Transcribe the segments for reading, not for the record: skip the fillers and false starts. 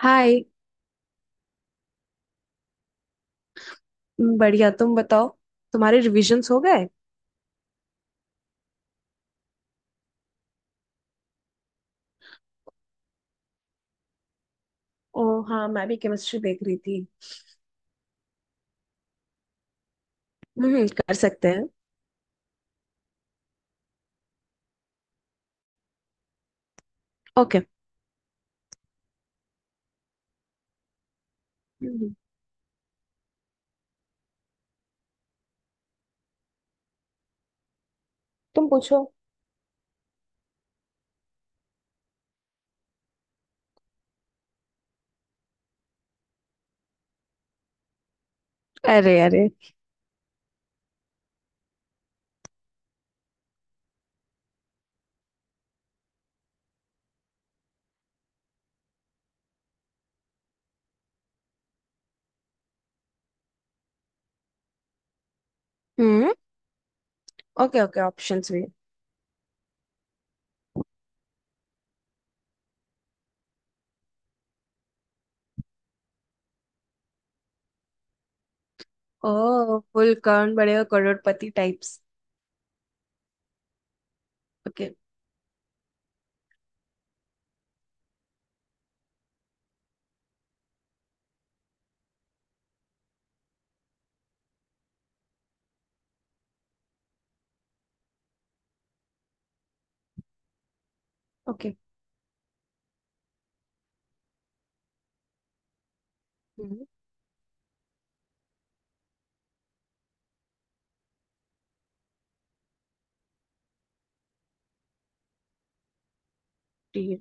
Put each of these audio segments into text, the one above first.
हाय। बढ़िया, तुम बताओ। तुम्हारे रिविजन्स हो गए? ओ हाँ, मैं भी केमिस्ट्री देख रही थी। हम्म, कर सकते हैं। ओके। हम्म। तुम पूछो। अरे अरे। हम्म। ओके ओके, ऑप्शंस भी। ओ, कुल Kaun Banega Crorepati types. Okay okay. हम्म। ठीक है।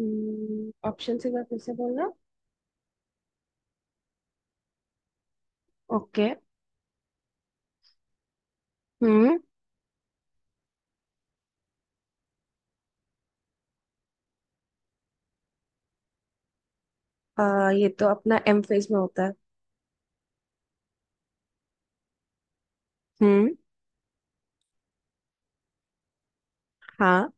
हम्म, ऑप्शन एक बार फिर से बोलना। ओके। हम्म। ये तो अपना एम फेज में होता है। हम्म। हाँ।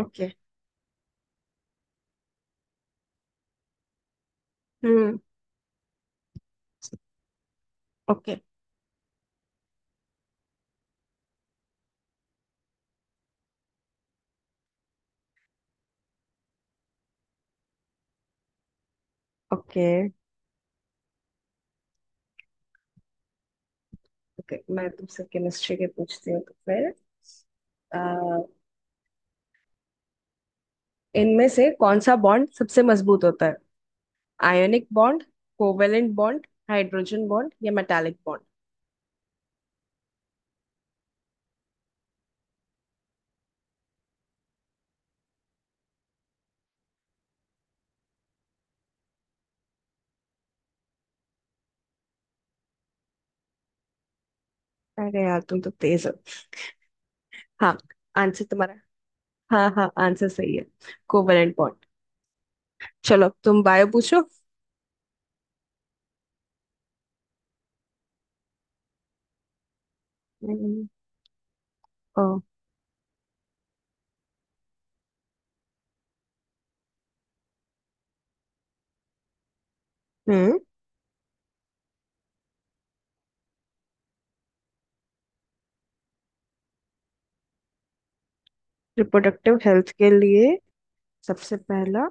ओके। हम्म। Okay okay. ओके, मैं तुमसे केमिस्ट्री के पूछती हूँ तो फिर। अ, इनमें से कौन सा बॉन्ड सबसे मजबूत होता है? Ionic bond, covalent bond, hydrogen bond या मेटालिक बॉन्ड? अरे यार, तुम तो तेज हो। हाँ। आंसर तुम्हारा। हाँ हाँ, आंसर सही है। Covalent bond. चलो, तुम बायो पूछो। हम्म। ओ। हम्म। रिप्रोडक्टिव हेल्थ के लिए सबसे पहला।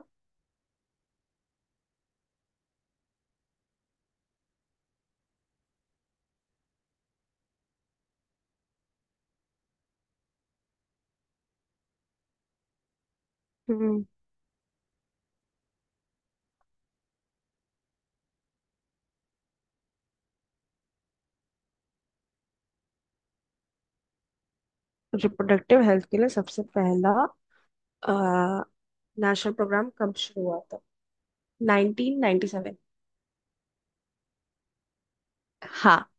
हम्म। रिप्रोडक्टिव हेल्थ के लिए सबसे पहला नेशनल प्रोग्राम कब शुरू हुआ था? Nineteen ninety seven. हाँ।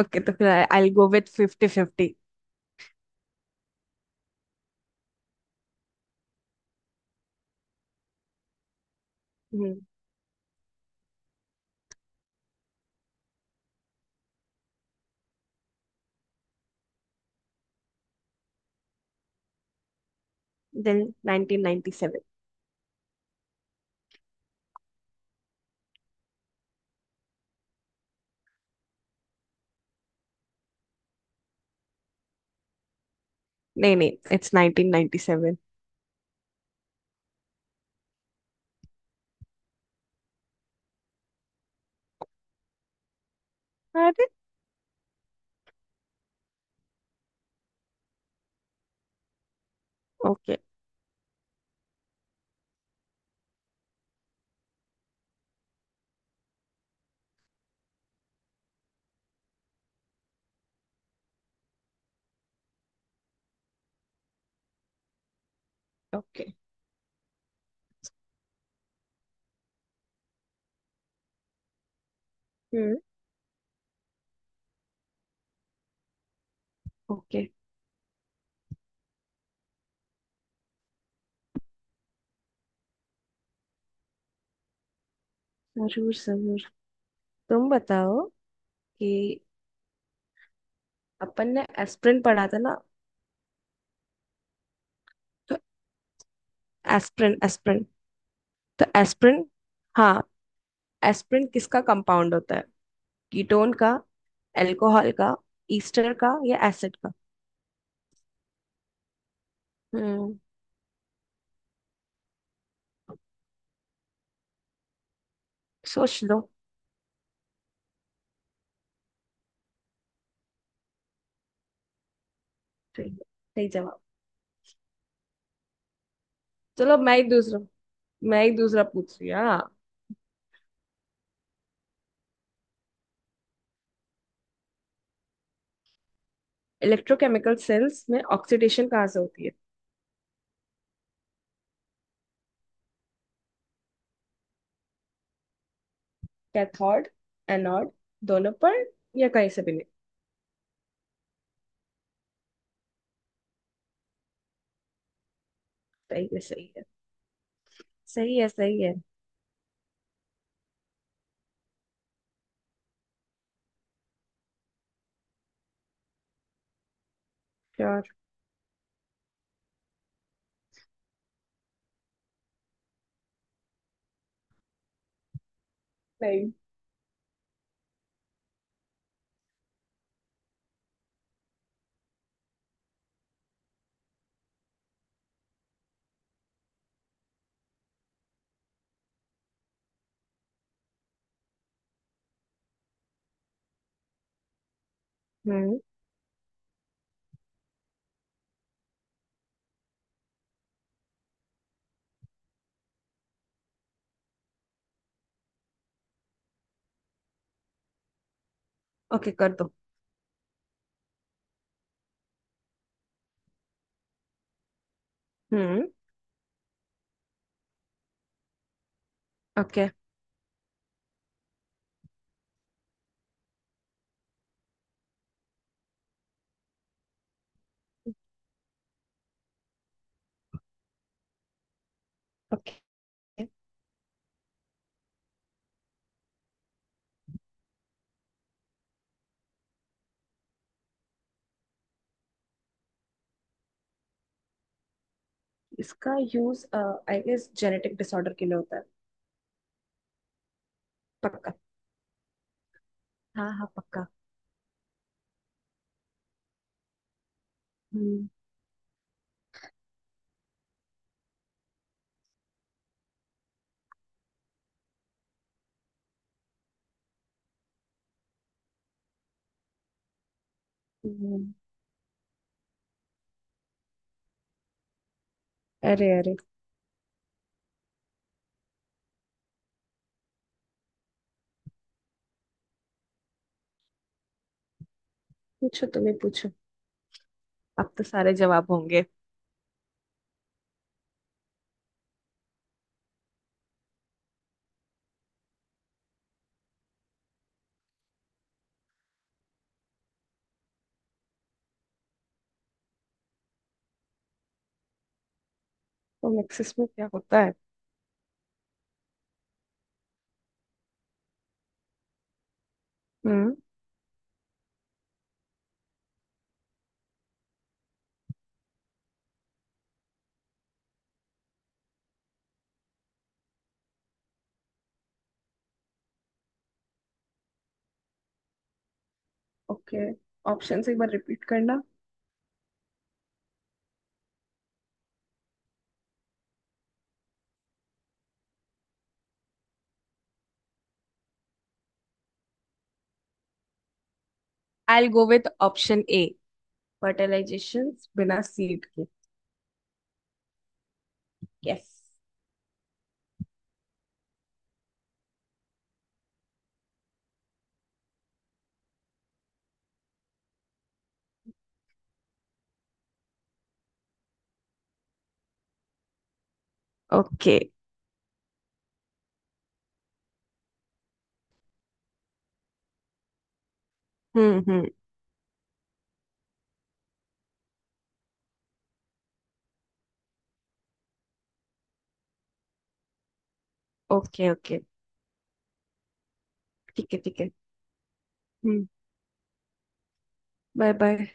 ओके, तो फिर I will go with fifty fifty. Then nineteen ninety seven. नहीं नहीं, इट्स नाइनटीन नाइनटी सेवन। अरे। ओके। ओके। हम्म। ओके। जरूर जरूर। तुम बताओ कि अपन ने एस्पिरिन पढ़ा था ना। तो एस्पिरिन, एस्पिरिन। तो एस्पिरिन, हाँ। एस्पिरिन किसका कंपाउंड होता है? कीटोन का, अल्कोहल का, ईस्टर का या एसिड का? हम्म। सोच लो। सही। सही जवाब। चलो, मैं ही दूसरा। मैं एक दूसरा पूछ रही हूँ, हाँ। इलेक्ट्रोकेमिकल सेल्स में ऑक्सीडेशन कहाँ से होती है? कैथोड, एनोड, दोनों पर, या कहीं से भी नहीं? सही है सही है। सही है सही है। श्योर। नहीं। हम्म। ओके कर दो। हम्म। ओके। ओके, इसका use I guess genetic disorder के लिए होता है। पक्का। हाँ हाँ, पक्का। हम्म हम्म। अरे अरे। पूछो, तुम्हें पूछो। अब तो सारे जवाब होंगे। तो नेक्सस में क्या होता है? हम्म। ओके, ऑप्शन एक बार रिपीट करना। I'll go with option A. Fertilisation बिना सीड के। यस। ओके। हम्म। हम्म। Okay okay. ठीक है ठीक है। हम्म। Bye bye.